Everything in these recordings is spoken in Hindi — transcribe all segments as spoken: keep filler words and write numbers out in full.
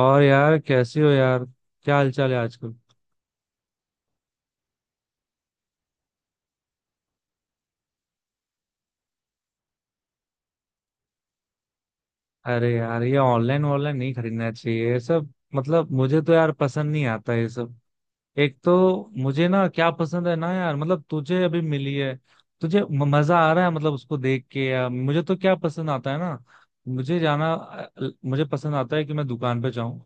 और यार कैसे हो यार, क्या हालचाल है आजकल। अरे यार ये ऑनलाइन ऑनलाइन नहीं खरीदना चाहिए ये सब। मतलब मुझे तो यार पसंद नहीं आता ये सब। एक तो मुझे ना क्या पसंद है ना यार, मतलब तुझे अभी मिली है, तुझे म- मजा आ रहा है मतलब उसको देख के, या मुझे तो क्या पसंद आता है ना। मुझे जाना अ, मुझे पसंद आता है कि मैं दुकान पे जाऊं,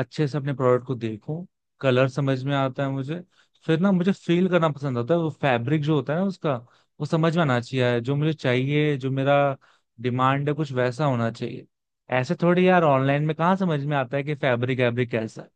अच्छे से अपने प्रोडक्ट को देखूं। कलर समझ में आता है मुझे। फिर ना मुझे फील करना पसंद आता है वो फैब्रिक जो होता है ना उसका। वो समझ में आना चाहिए जो मुझे चाहिए, जो मेरा डिमांड है कुछ वैसा होना चाहिए। ऐसे थोड़ी यार ऑनलाइन में कहाँ समझ में आता है कि फैब्रिक वैब्रिक कैसा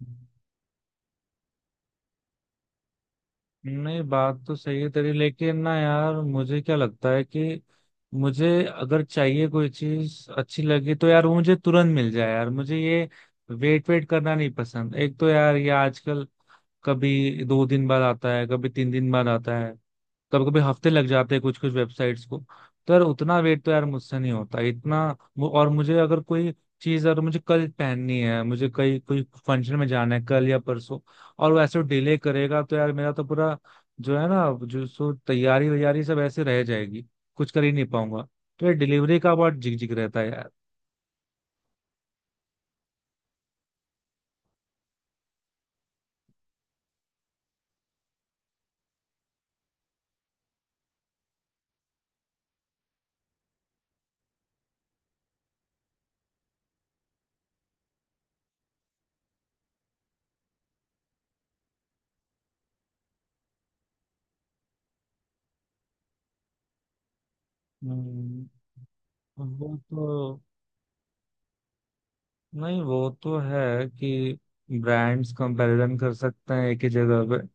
है। नहीं बात तो सही है तेरी, लेकिन ना यार मुझे क्या लगता है कि मुझे अगर चाहिए, कोई चीज अच्छी लगी तो यार वो मुझे तुरंत मिल जाए यार। मुझे ये वेट वेट करना नहीं पसंद। एक तो यार ये आजकल कभी दो दिन बाद आता है, कभी तीन दिन बाद आता है, कभी कभी हफ्ते लग जाते हैं कुछ कुछ वेबसाइट्स को। तो यार उतना वेट तो यार मुझसे नहीं होता इतना। मु- और मुझे अगर कोई चीज अगर मुझे कल पहननी है, मुझे कहीं कोई फंक्शन में जाना है कल या परसों, और वो ऐसे डिले करेगा तो यार मेरा तो पूरा जो है ना, जो सो तैयारी वैयारी सब ऐसे रह जाएगी। कुछ कर ही नहीं पाऊंगा। तो ये डिलीवरी का बहुत झिकझिक रहता है यार। हम्म। वो तो, नहीं वो तो है कि ब्रांड्स कंपैरिजन कर सकते हैं एक ही जगह पे,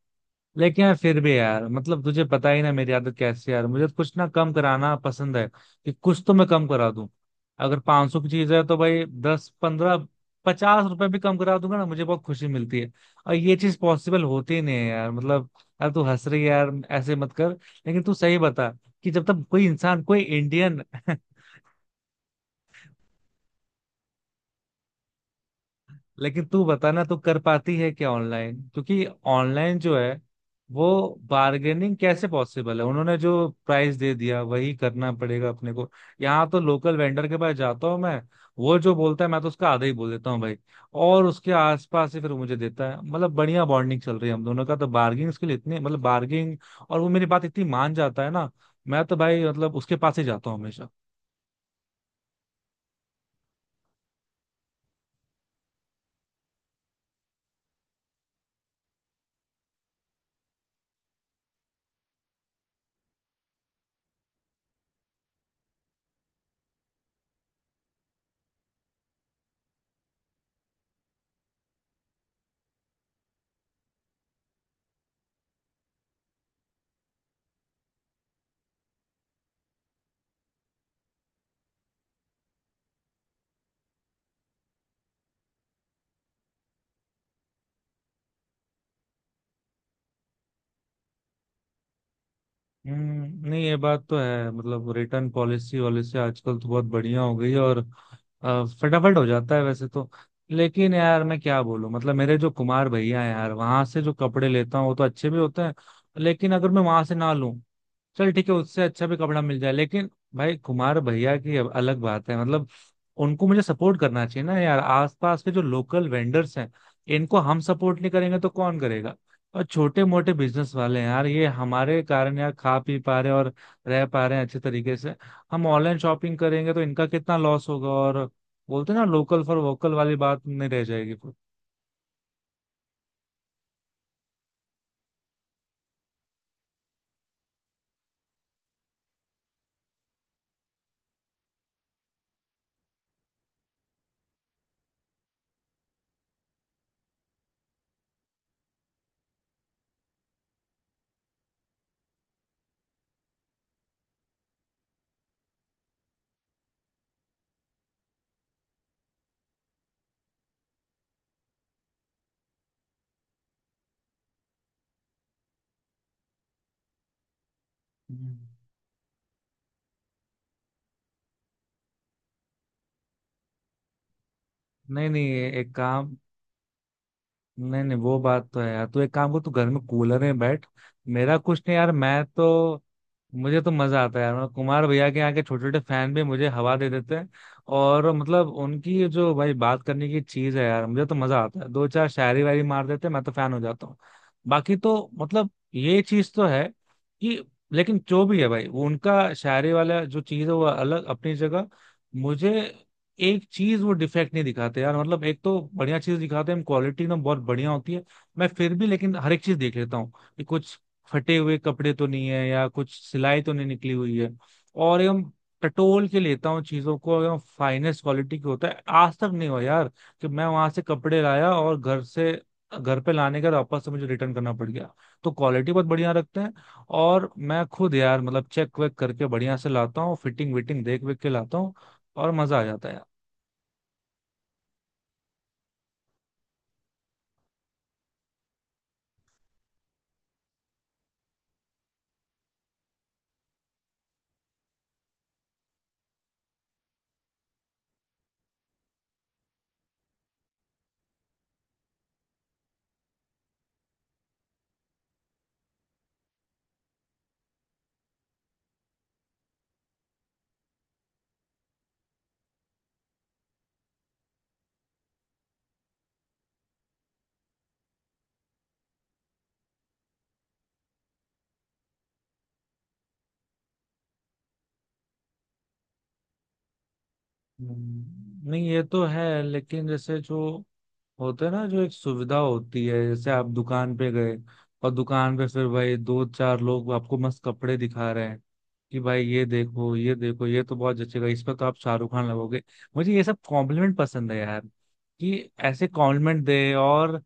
लेकिन यार फिर भी यार मतलब तुझे पता ही ना मेरी आदत कैसी है यार। मुझे तो कुछ ना कम कराना पसंद है, कि कुछ तो मैं कम करा दूं। अगर 500 सौ की चीज है तो भाई दस पंद्रह पचास रुपए भी कम करा दूंगा ना, मुझे बहुत खुशी मिलती है। और ये चीज पॉसिबल होती ही नहीं है यार मतलब। यार तू हंस रही है यार, ऐसे मत कर। लेकिन तू सही बता कि जब तक कोई इंसान, कोई इंडियन लेकिन तू बताना, तू कर पाती है क्या ऑनलाइन? क्योंकि ऑनलाइन जो है वो बार्गेनिंग कैसे पॉसिबल है? उन्होंने जो प्राइस दे दिया वही करना पड़ेगा अपने को। यहाँ तो लोकल वेंडर के पास जाता हूँ मैं, वो जो बोलता है मैं तो उसका आधा ही बोल देता हूँ भाई, और उसके आसपास ही फिर वो मुझे देता है। मतलब बढ़िया बॉन्डिंग चल रही है हम दोनों का तो, बार्गेनिंग के लिए इतनी मतलब बार्गेनिंग। और वो मेरी बात इतनी मान जाता है ना, मैं तो भाई मतलब उसके पास ही जाता हूँ हमेशा। हम्म, नहीं ये बात तो है, मतलब रिटर्न पॉलिसी वॉलिसी आजकल तो बहुत बढ़िया हो गई है, और अ, फटाफट हो जाता है वैसे तो। लेकिन यार मैं क्या बोलूं, मतलब मेरे जो कुमार भैया हैं यार वहां से जो कपड़े लेता हूँ वो तो अच्छे भी होते हैं। लेकिन अगर मैं वहां से ना लूं, चल ठीक है उससे अच्छा भी कपड़ा मिल जाए, लेकिन भाई कुमार भैया की अब अलग बात है मतलब। उनको मुझे सपोर्ट करना चाहिए ना यार, आसपास के जो लोकल वेंडर्स हैं इनको हम सपोर्ट नहीं करेंगे तो कौन करेगा। और छोटे मोटे बिजनेस वाले हैं यार, ये हमारे कारण यार खा पी पा रहे हैं और रह पा रहे हैं अच्छे तरीके से। हम ऑनलाइन शॉपिंग करेंगे तो इनका कितना लॉस होगा। और बोलते हैं ना, लोकल फॉर वोकल वाली बात नहीं रह जाएगी फिर। हम्म। नहीं नहीं एक काम, नहीं नहीं वो बात तो है यार। तू एक काम कर, तू घर में कूलर में बैठ, मेरा कुछ नहीं यार, मैं तो, मुझे तो मजा आता है यार। मतलब कुमार भैया के यहाँ के छोटे छोटे फैन भी मुझे हवा दे देते हैं, और मतलब उनकी जो भाई बात करने की चीज है यार मुझे तो मजा आता है। दो चार शायरी वायरी मार देते हैं, मैं तो फैन हो जाता हूँ। बाकी तो मतलब ये चीज तो है कि, लेकिन जो भी है भाई वो उनका शायरी वाला जो चीज है वो अलग अपनी जगह। मुझे एक चीज, वो डिफेक्ट नहीं दिखाते यार, मतलब एक तो बढ़िया चीज दिखाते हैं, क्वालिटी एकदम बहुत बढ़िया होती है। मैं फिर भी लेकिन हर एक चीज देख लेता हूँ कि कुछ फटे हुए कपड़े तो नहीं है या कुछ सिलाई तो नहीं निकली हुई है। और एकदम टटोल के लेता हूँ चीजों को, एकदम फाइनेस्ट क्वालिटी की होता है। आज तक नहीं हुआ यार कि मैं वहां से कपड़े लाया और घर से, घर पे लाने के बाद वापस से मुझे रिटर्न करना पड़ गया। तो क्वालिटी बहुत बढ़िया रखते हैं। और मैं खुद यार मतलब चेक वेक करके बढ़िया से लाता हूँ, फिटिंग विटिंग देख वेख के लाता हूँ, और मजा आ जाता है यार। हम्म, नहीं ये तो है, लेकिन जैसे जो होते हैं ना, जो एक सुविधा होती है, जैसे आप दुकान पे गए और दुकान पे फिर भाई दो चार लोग आपको मस्त कपड़े दिखा रहे हैं कि भाई ये देखो ये देखो, ये तो बहुत जचेगा, इस पर तो आप शाहरुख खान लगोगे। मुझे ये सब कॉम्प्लीमेंट पसंद है यार, कि ऐसे कॉम्प्लीमेंट दे और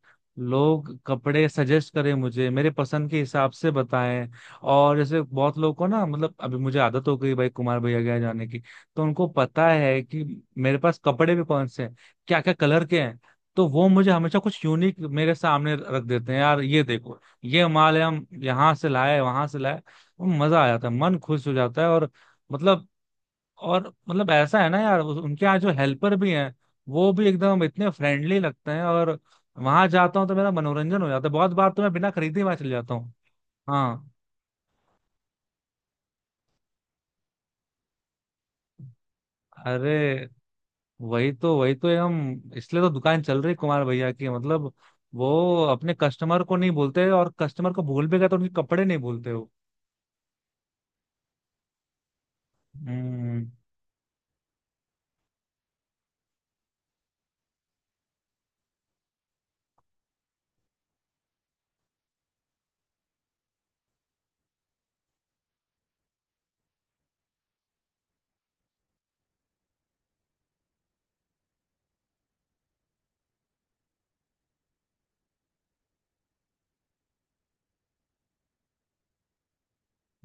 लोग कपड़े सजेस्ट करें, मुझे मेरे पसंद के हिसाब से बताएं। और जैसे बहुत लोगों को ना, मतलब अभी मुझे आदत हो गई भाई कुमार भैया के यहाँ जाने की, तो उनको पता है कि मेरे पास कपड़े भी कौन से हैं, क्या क्या कलर के हैं। तो वो मुझे हमेशा कुछ यूनिक मेरे सामने रख देते हैं यार, ये देखो ये माल है हम यहाँ से लाए वहां से लाए। वो मजा आ जाता है, मन खुश हो जाता है। और मतलब, और मतलब ऐसा है ना यार उस- उनके यहाँ जो हेल्पर भी हैं वो भी एकदम इतने फ्रेंडली लगते हैं। और वहां जाता हूँ तो मेरा मनोरंजन हो जाता है, बहुत बार तो मैं बिना खरीदे वहां चले जाता हूँ। हाँ, अरे वही तो, वही तो, हम इसलिए तो दुकान चल रही है कुमार भैया की मतलब। वो अपने कस्टमर को नहीं भूलते, और कस्टमर को भूल भी गए तो उनके कपड़े नहीं भूलते वो। हम्म,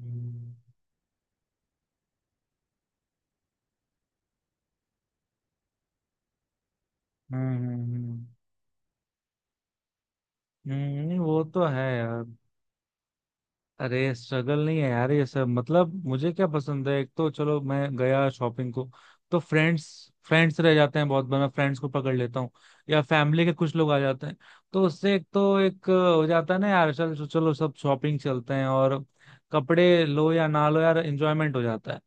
हम्म, हम्म, हम्म, हम्म, हम्म, हम्म, नहीं वो तो है यार। अरे स्ट्रगल नहीं है यार ये सब, मतलब मुझे क्या पसंद है, एक तो चलो मैं गया शॉपिंग को, तो फ्रेंड्स फ्रेंड्स रह जाते हैं। बहुत बार मैं फ्रेंड्स को पकड़ लेता हूँ या फैमिली के कुछ लोग आ जाते हैं, तो उससे एक तो एक हो जाता है ना यार, चलो चलो सब शॉपिंग चलते हैं, और कपड़े लो या ना लो यार एंजॉयमेंट हो जाता है।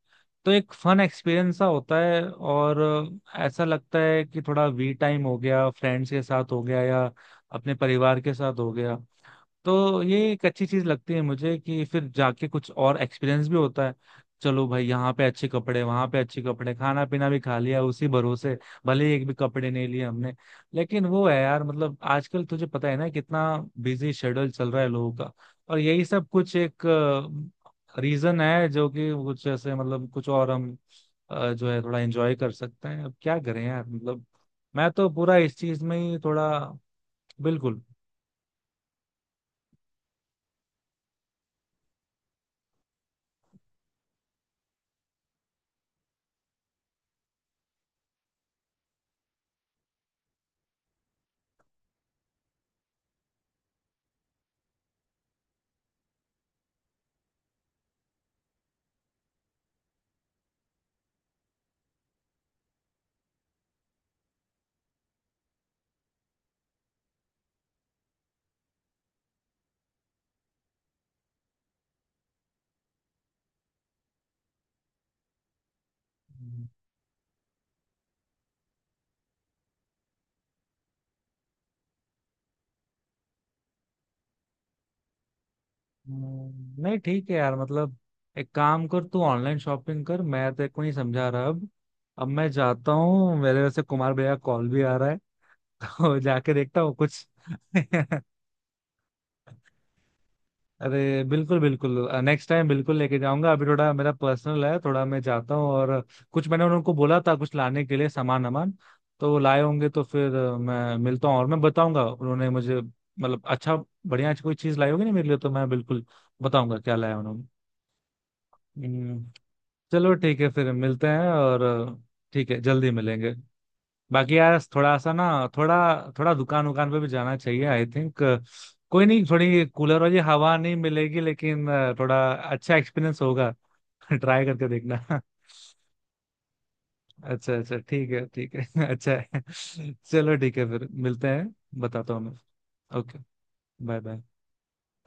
तो एक फन एक्सपीरियंस सा होता है, और ऐसा लगता है कि थोड़ा वी टाइम हो गया, फ्रेंड्स के साथ हो गया या अपने परिवार के साथ हो गया। तो ये एक अच्छी चीज लगती है मुझे कि फिर जाके कुछ और एक्सपीरियंस भी होता है। चलो भाई यहाँ पे अच्छे कपड़े वहां पे अच्छे कपड़े, खाना पीना भी खा लिया उसी भरोसे, भले ही एक भी कपड़े नहीं लिए हमने। लेकिन वो है यार मतलब आजकल तुझे पता है ना कितना बिजी शेड्यूल चल रहा है लोगों का, और यही सब कुछ एक रीजन है जो कि कुछ ऐसे, मतलब कुछ और हम अ, जो है थोड़ा एंजॉय कर सकते हैं। अब क्या करें यार मतलब, मैं तो पूरा इस चीज में ही थोड़ा, बिल्कुल। हम्म, नहीं ठीक है यार मतलब, एक काम कर तू ऑनलाइन शॉपिंग कर, मैं तेरे को नहीं समझा रहा अब। अब मैं जाता हूँ, मेरे वैसे कुमार भैया कॉल भी आ रहा है। और जाके देखता हूँ कुछ। अरे बिल्कुल बिल्कुल, नेक्स्ट टाइम बिल्कुल लेके जाऊंगा, अभी थोड़ा मेरा पर्सनल है, थोड़ा मैं जाता हूँ और कुछ मैंने उनको बोला था कुछ लाने के लिए सामान वामान, तो वो लाए होंगे, तो फिर अ, मैं मिलता हूँ और मैं बताऊंगा, उन्होंने मुझे मतलब अच्छा बढ़िया कोई चीज़ लाई होगी ना मेरे लिए, तो मैं बिल्कुल बताऊंगा क्या लाया उन्होंने। हम्म, चलो ठीक है फिर मिलते हैं और अ, ठीक है, जल्दी मिलेंगे। बाकी यार थोड़ा सा ना, थोड़ा, थोड़ा दुकान उकान पे भी जाना चाहिए आई थिंक। कोई नहीं, थोड़ी कूलर वाली हवा नहीं मिलेगी लेकिन अ, थोड़ा अच्छा एक्सपीरियंस होगा। ट्राई करके देखना। अच्छा अच्छा ठीक है ठीक है। अच्छा है, चलो ठीक है फिर मिलते हैं। बताता हूँ मैं, ओके। Bye bye.